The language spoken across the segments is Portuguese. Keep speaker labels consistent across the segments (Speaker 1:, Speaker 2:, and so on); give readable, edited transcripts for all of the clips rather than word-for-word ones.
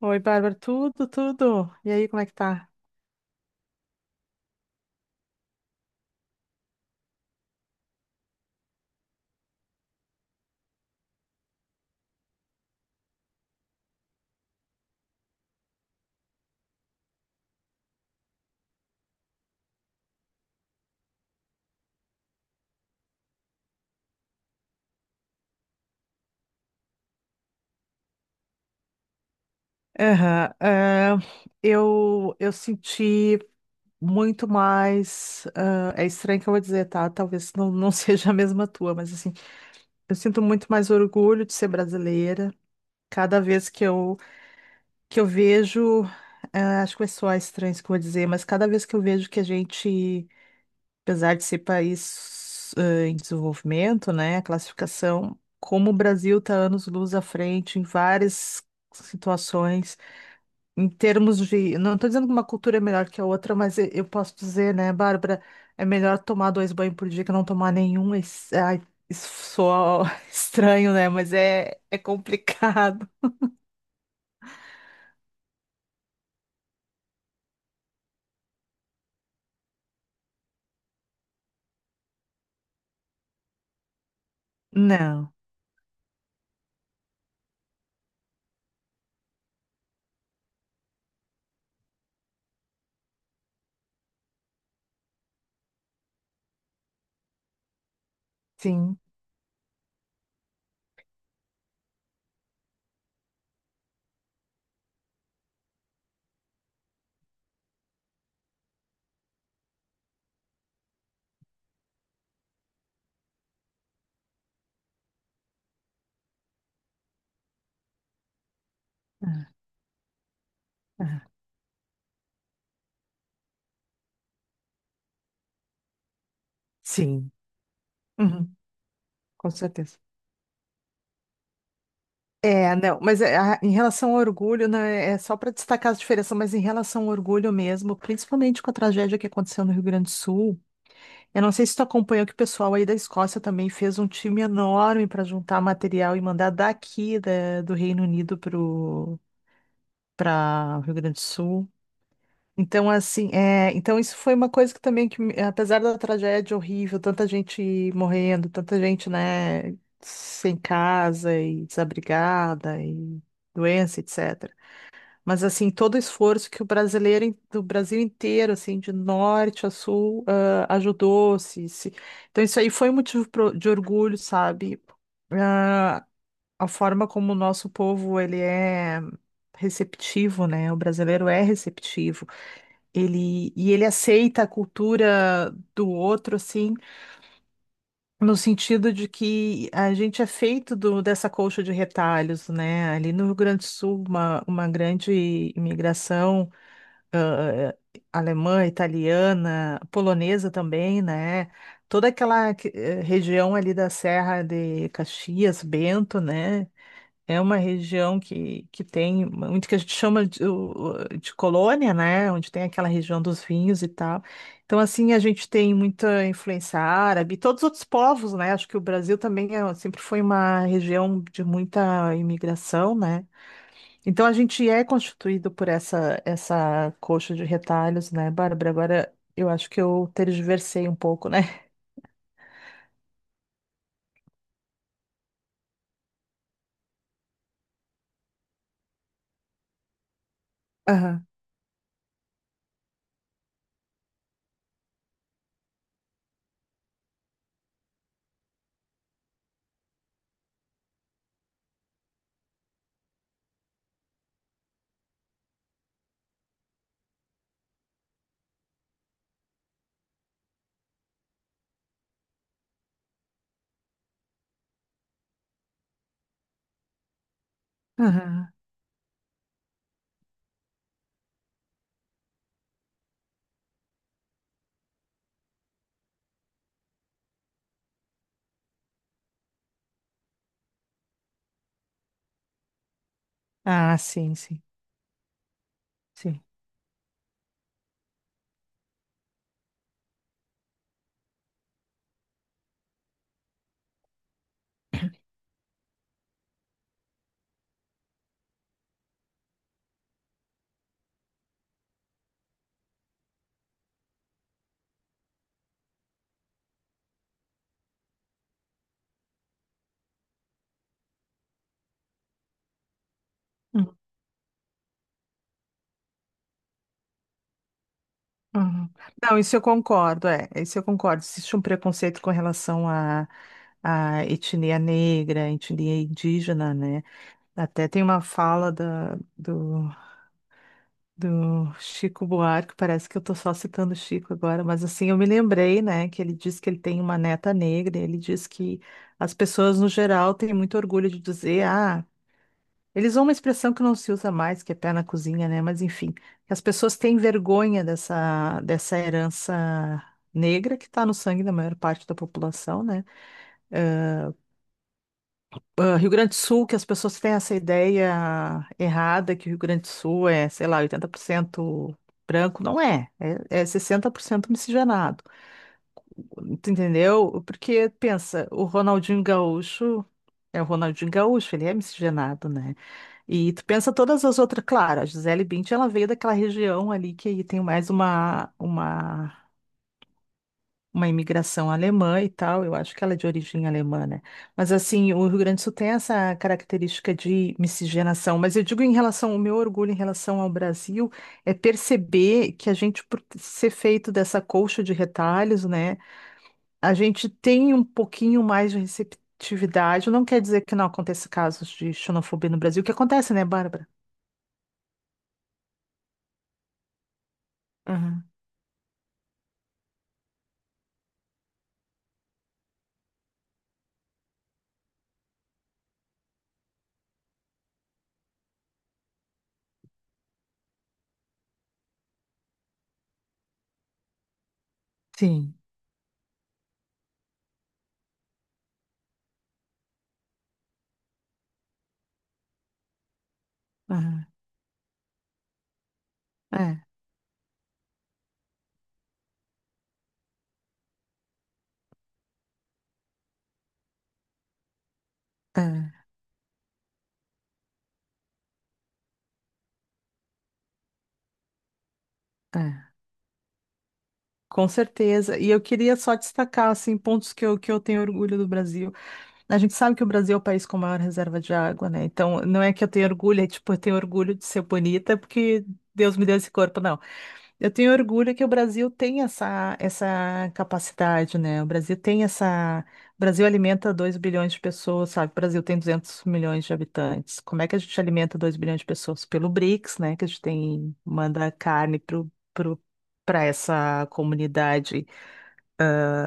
Speaker 1: Oi, Bárbara, tudo, tudo. E aí, como é que tá? Aham. Eu senti muito mais. É estranho que eu vou dizer, tá? Talvez não, não seja a mesma tua, mas assim, eu sinto muito mais orgulho de ser brasileira. Cada vez que eu vejo. Acho que vai soar estranho isso que eu vou dizer, mas cada vez que eu vejo que a gente. Apesar de ser país em desenvolvimento, né, a classificação, como o Brasil está anos-luz à frente em várias situações, em termos de, não estou dizendo que uma cultura é melhor que a outra, mas eu posso dizer, né, Bárbara, é melhor tomar dois banhos por dia que não tomar nenhum. Isso, ai, isso soa estranho, né, mas é complicado. Não, sim, ah, ah, sim. Uhum. Com certeza. É, não, mas é, em relação ao orgulho, né, é só para destacar as diferenças, mas em relação ao orgulho mesmo, principalmente com a tragédia que aconteceu no Rio Grande do Sul, eu não sei se tu acompanhou que o pessoal aí da Escócia também fez um time enorme para juntar material e mandar daqui do Reino Unido para o Rio Grande do Sul. Então, assim, é, então isso foi uma coisa que também, que, apesar da tragédia horrível, tanta gente morrendo, tanta gente, né, sem casa e desabrigada e doença, etc. Mas, assim, todo o esforço que o brasileiro, do Brasil inteiro, assim, de norte a sul, ajudou, se. Então, isso aí foi um motivo de orgulho, sabe? Ah, a forma como o nosso povo, ele é receptivo, né? O brasileiro é receptivo, ele, e ele aceita a cultura do outro, assim, no sentido de que a gente é feito dessa colcha de retalhos, né? Ali no Rio Grande do Sul, uma grande imigração ãh, alemã, italiana, polonesa também, né? Toda aquela região ali da Serra de Caxias, Bento, né? É uma região que tem muito que a gente chama de, de colônia, né? Onde tem aquela região dos vinhos e tal. Então, assim, a gente tem muita influência árabe, e todos os outros povos, né? Acho que o Brasil também sempre foi uma região de muita imigração, né? Então, a gente é constituído por essa coxa de retalhos, né, Bárbara? Agora, eu acho que eu tergiversei um pouco, né? Aham, aham. Ah, sim, sim, sim. Uhum. Não, isso eu concordo, é, isso eu concordo. Existe um preconceito com relação à etnia negra, etnia indígena, né? Até tem uma fala da, do Chico Buarque, parece que eu tô só citando o Chico agora, mas assim, eu me lembrei, né, que ele diz que ele tem uma neta negra, e ele diz que as pessoas no geral têm muito orgulho de dizer, eles usam uma expressão que não se usa mais, que é pé na cozinha, né? Mas enfim, as pessoas têm vergonha dessa herança negra que está no sangue da maior parte da população, né? Rio Grande do Sul, que as pessoas têm essa ideia errada que o Rio Grande do Sul é, sei lá, 80% branco. Não é, é 60% miscigenado. Tu entendeu? Porque pensa, o Ronaldinho Gaúcho é o Ronaldinho Gaúcho, ele é miscigenado, né? E tu pensa todas as outras, claro, a Gisele Bündchen, ela veio daquela região ali que aí tem mais uma, uma imigração alemã e tal, eu acho que ela é de origem alemã, né? Mas assim, o Rio Grande do Sul tem essa característica de miscigenação, mas eu digo em relação, o meu orgulho em relação ao Brasil é perceber que a gente, por ser feito dessa colcha de retalhos, né? A gente tem um pouquinho mais de receptividade, não quer dizer que não aconteça casos de xenofobia no Brasil, que acontece, né, Bárbara? Aham. Sim. Aham. É, é, é. Com certeza. E eu queria só destacar, assim, pontos que eu tenho orgulho do Brasil. A gente sabe que o Brasil é o país com maior reserva de água, né? Então, não é que eu tenho orgulho, é tipo, eu tenho orgulho de ser bonita, porque Deus me deu esse corpo, não. Eu tenho orgulho que o Brasil tem essa capacidade, né? O Brasil tem essa. O Brasil alimenta 2 bilhões de pessoas, sabe? O Brasil tem 200 milhões de habitantes. Como é que a gente alimenta 2 bilhões de pessoas? Pelo BRICS, né? Que a gente tem, manda carne para essa comunidade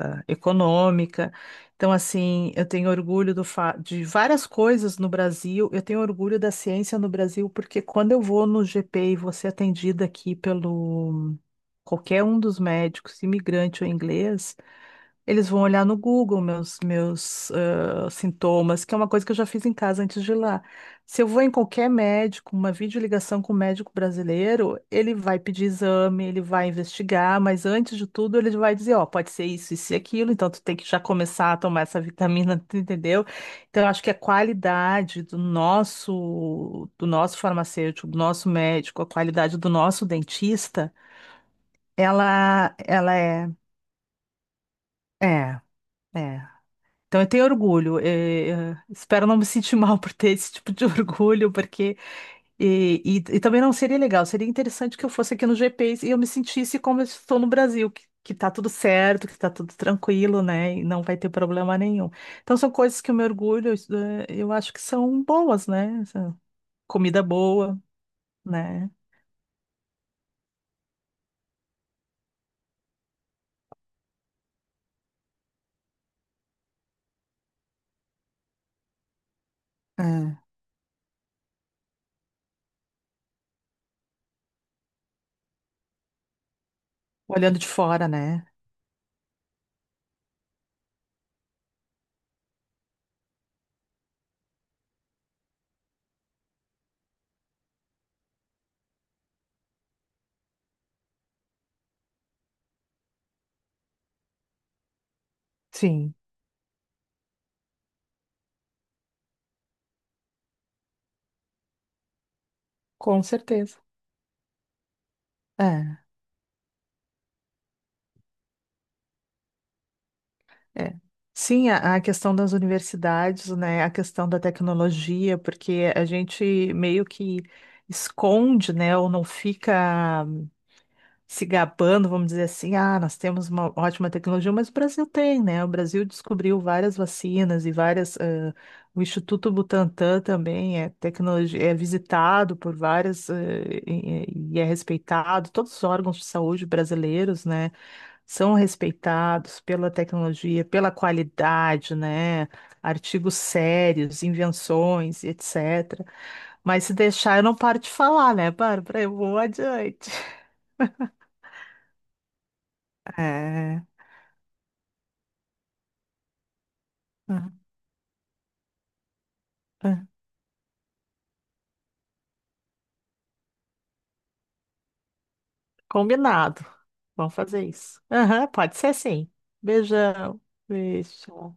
Speaker 1: política, econômica. Então, assim, eu tenho orgulho de várias coisas no Brasil. Eu tenho orgulho da ciência no Brasil, porque quando eu vou no GP e vou ser atendida aqui pelo qualquer um dos médicos, imigrante ou inglês, eles vão olhar no Google meus sintomas, que é uma coisa que eu já fiz em casa antes de ir lá. Se eu vou em qualquer médico, uma videoligação com o médico brasileiro, ele vai pedir exame, ele vai investigar, mas antes de tudo ele vai dizer, ó, pode ser isso, isso e aquilo, então tu tem que já começar a tomar essa vitamina, tu entendeu? Então eu acho que a qualidade do nosso farmacêutico, do nosso médico, a qualidade do nosso dentista, ela é, é. Então, eu tenho orgulho. Espero não me sentir mal por ter esse tipo de orgulho, porque. E também não seria legal. Seria interessante que eu fosse aqui no GPs e eu me sentisse como eu estou no Brasil, que tá tudo certo, que tá tudo tranquilo, né? E não vai ter problema nenhum. Então, são coisas que o meu orgulho, isso, eu acho que são boas, né? Essa comida boa, né? É. Olhando de fora, né? Sim, com certeza. É. É. Sim, a questão das universidades, né, a questão da tecnologia, porque a gente meio que esconde, né, ou não fica se gabando, vamos dizer assim, nós temos uma ótima tecnologia, mas o Brasil tem, né? O Brasil descobriu várias vacinas e várias, o Instituto Butantan também é tecnologia, é visitado por várias, e é respeitado, todos os órgãos de saúde brasileiros, né? São respeitados pela tecnologia, pela qualidade, né? Artigos sérios, invenções, etc. Mas se deixar, eu não paro de falar, né, Bárbara? Eu vou adiante. É, é, é. Combinado. Vamos fazer isso. Aham, pode ser sim. Beijão. Beijo.